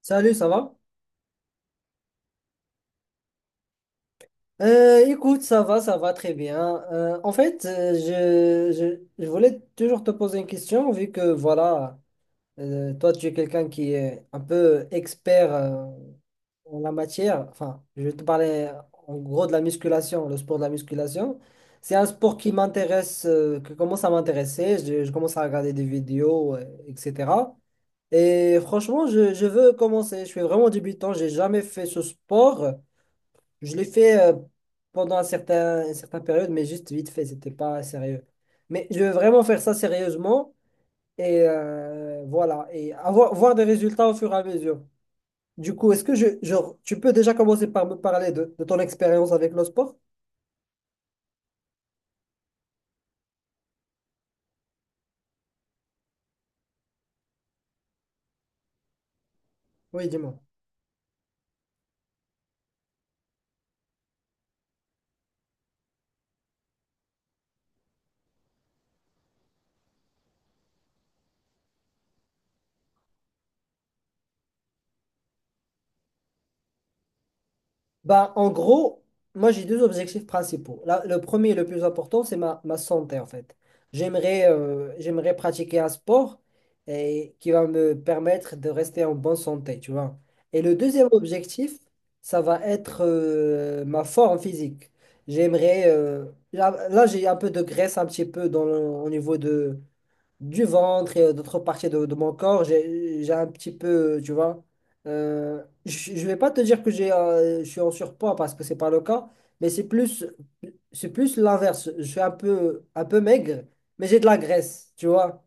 Salut, ça va? Écoute, ça va très bien. En fait, je voulais toujours te poser une question, vu que voilà, toi, tu es quelqu'un qui est un peu expert en la matière. Enfin, je vais te parler en gros de la musculation, le sport de la musculation. C'est un sport qui m'intéresse, qui commence à m'intéresser. Je commence à regarder des vidéos, etc. Et franchement, je veux commencer. Je suis vraiment débutant, j'ai jamais fait ce sport. Je l'ai fait pendant une certaine période, mais juste vite fait, c'était pas sérieux. Mais je veux vraiment faire ça sérieusement et voilà, et avoir voir des résultats au fur et à mesure. Du coup, est-ce que genre, tu peux déjà commencer par me parler de ton expérience avec le sport? Oui, dis-moi. Bah, en gros, moi j'ai deux objectifs principaux. Le premier et le plus important, c'est ma santé en fait. J'aimerais pratiquer un sport et, qui va me permettre de rester en bonne santé, tu vois. Et le deuxième objectif, ça va être ma forme physique. J'aimerais... euh, là, j'ai un peu de graisse un petit peu au niveau du ventre et d'autres parties de mon corps, j'ai un petit peu, tu vois. Je ne vais pas te dire que je suis en surpoids parce que c'est pas le cas, mais c'est plus l'inverse. Je suis un peu maigre, mais j'ai de la graisse, tu vois.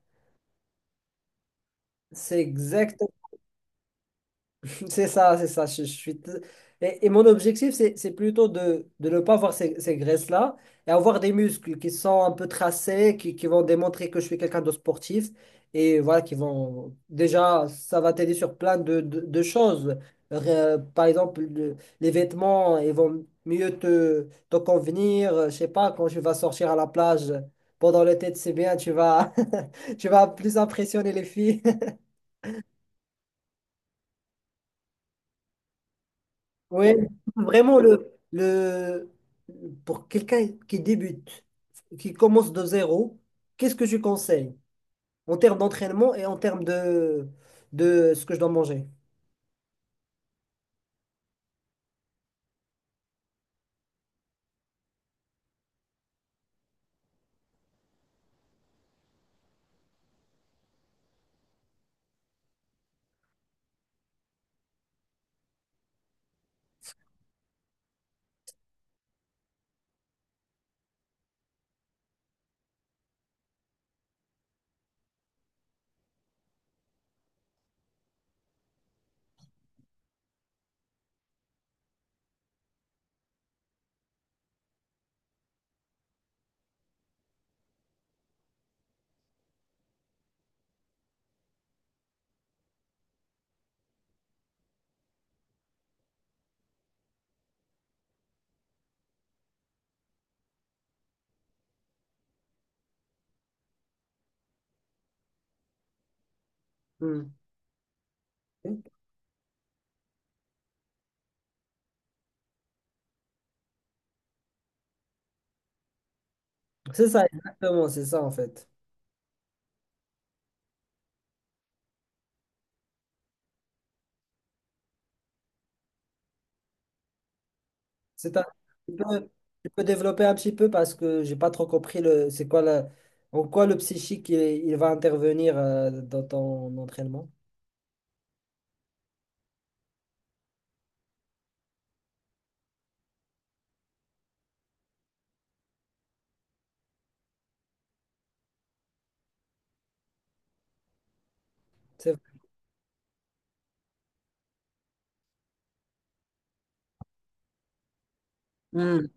C'est exact. C'est ça, c'est ça. Et mon objectif, c'est plutôt de ne pas avoir ces graisses-là et avoir des muscles qui sont un peu tracés, qui vont démontrer que je suis quelqu'un de sportif. Et voilà. Déjà, ça va t'aider sur plein de choses. Par exemple, les vêtements, ils vont mieux te convenir. Je sais pas, quand tu vas sortir à la plage pendant l'été, c'est bien, tu vas plus impressionner les filles. Ouais, vraiment le pour quelqu'un qui débute, qui commence de zéro, qu'est-ce que tu conseilles en termes d'entraînement et en termes de ce que je dois manger? Hmm. C'est ça, exactement, c'est ça en fait. C'est un- tu peux, tu peux développer un petit peu parce que j'ai pas trop compris le c'est quoi la, en quoi le psychique il va intervenir dans ton entraînement. C'est- Hmm,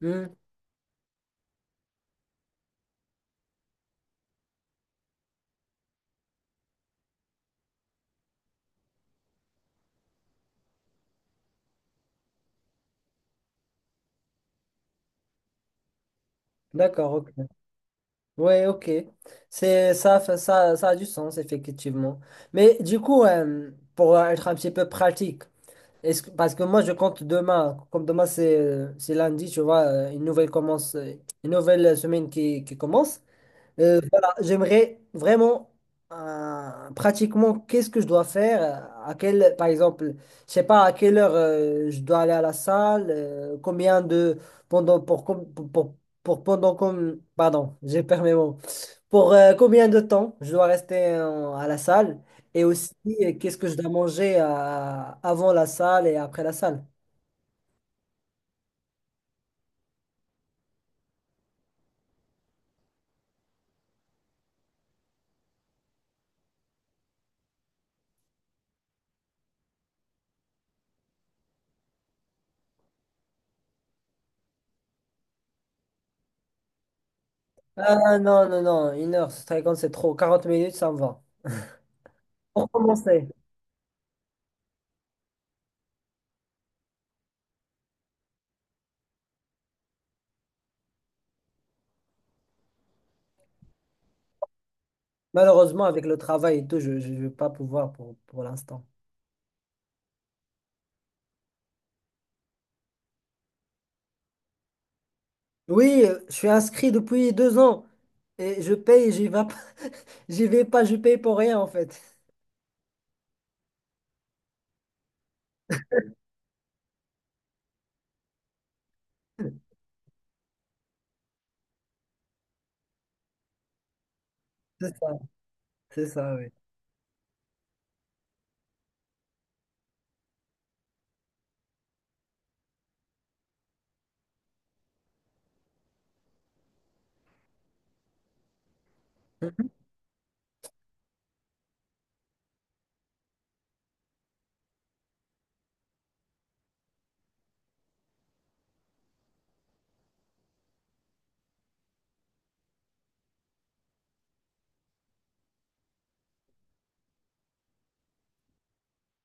hmm. D'accord, ok. Ouais, ok. C'est ça, ça, ça a du sens, effectivement. Mais du coup, pour être un petit peu pratique, parce que moi je compte demain, comme demain c'est lundi, tu vois, une nouvelle semaine qui commence. Voilà, j'aimerais vraiment pratiquement qu'est-ce que je dois faire, par exemple, je sais pas à quelle heure je dois aller à la salle, combien de pendant pour com- pardon, j'ai perdu mes mots. Pour combien de temps je dois rester à la salle et aussi qu'est-ce que je dois manger avant la salle et après la salle. Ah, non, non, non, une heure, c'est très grand, c'est trop, 40 minutes, ça me va. Pour commencer. Malheureusement, avec le travail et tout, je ne vais pas pouvoir pour l'instant. Oui, je suis inscrit depuis 2 ans et je paye, j'y vais pas, j'y vais pas, je paye pour rien en fait. C'est ça, c'est ça, oui.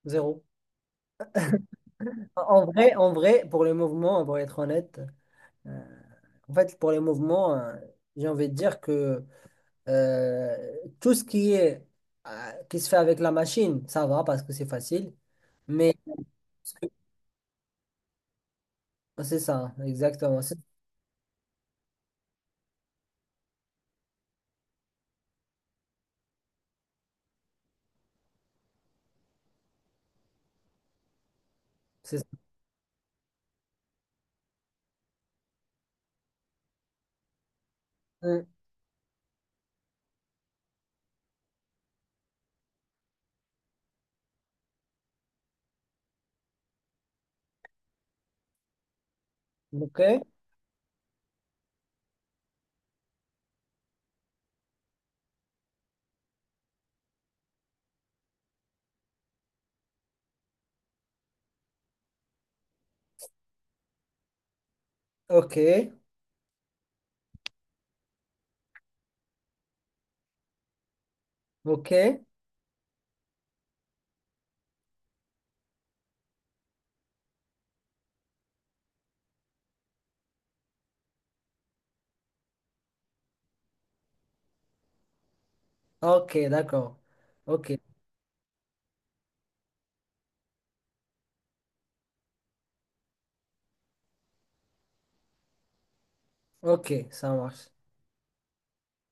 Zéro. En vrai, pour les mouvements, pour être honnête, euh, en fait, pour les mouvements, j'ai envie de dire que euh, tout ce qui est qui se fait avec la machine, ça va parce que c'est facile. Mais c'est ça, exactement. C'est ça. Mm. Ok. Ok, ok, ok, d'accord. Ok, ok, ça marche.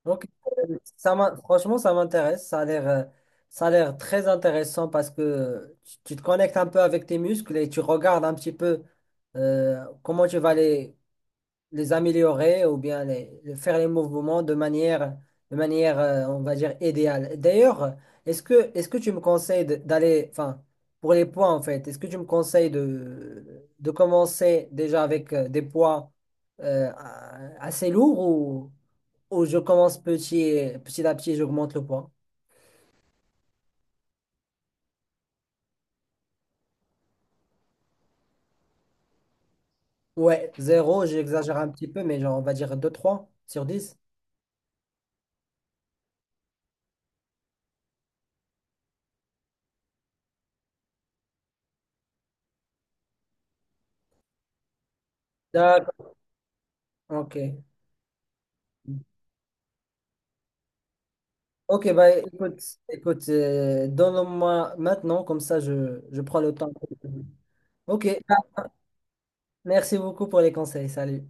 Ok, franchement, ça m'intéresse. Ça a l'air très intéressant parce que tu te connectes un peu avec tes muscles et tu regardes un petit peu comment tu vas les améliorer ou bien faire les mouvements de manière on va dire, idéale. D'ailleurs, est-ce que tu me conseilles d'aller, enfin, pour les poids en fait, est-ce que tu me conseilles de commencer déjà avec des poids assez lourds ou je commence petit, petit à petit, j'augmente le poids? Ouais, zéro, j'exagère un petit peu, mais genre, on va dire 2-3 sur 10. D'accord, ok. Ok, bah écoute, donne-moi maintenant, comme ça je prends le temps. Ok, merci beaucoup pour les conseils. Salut.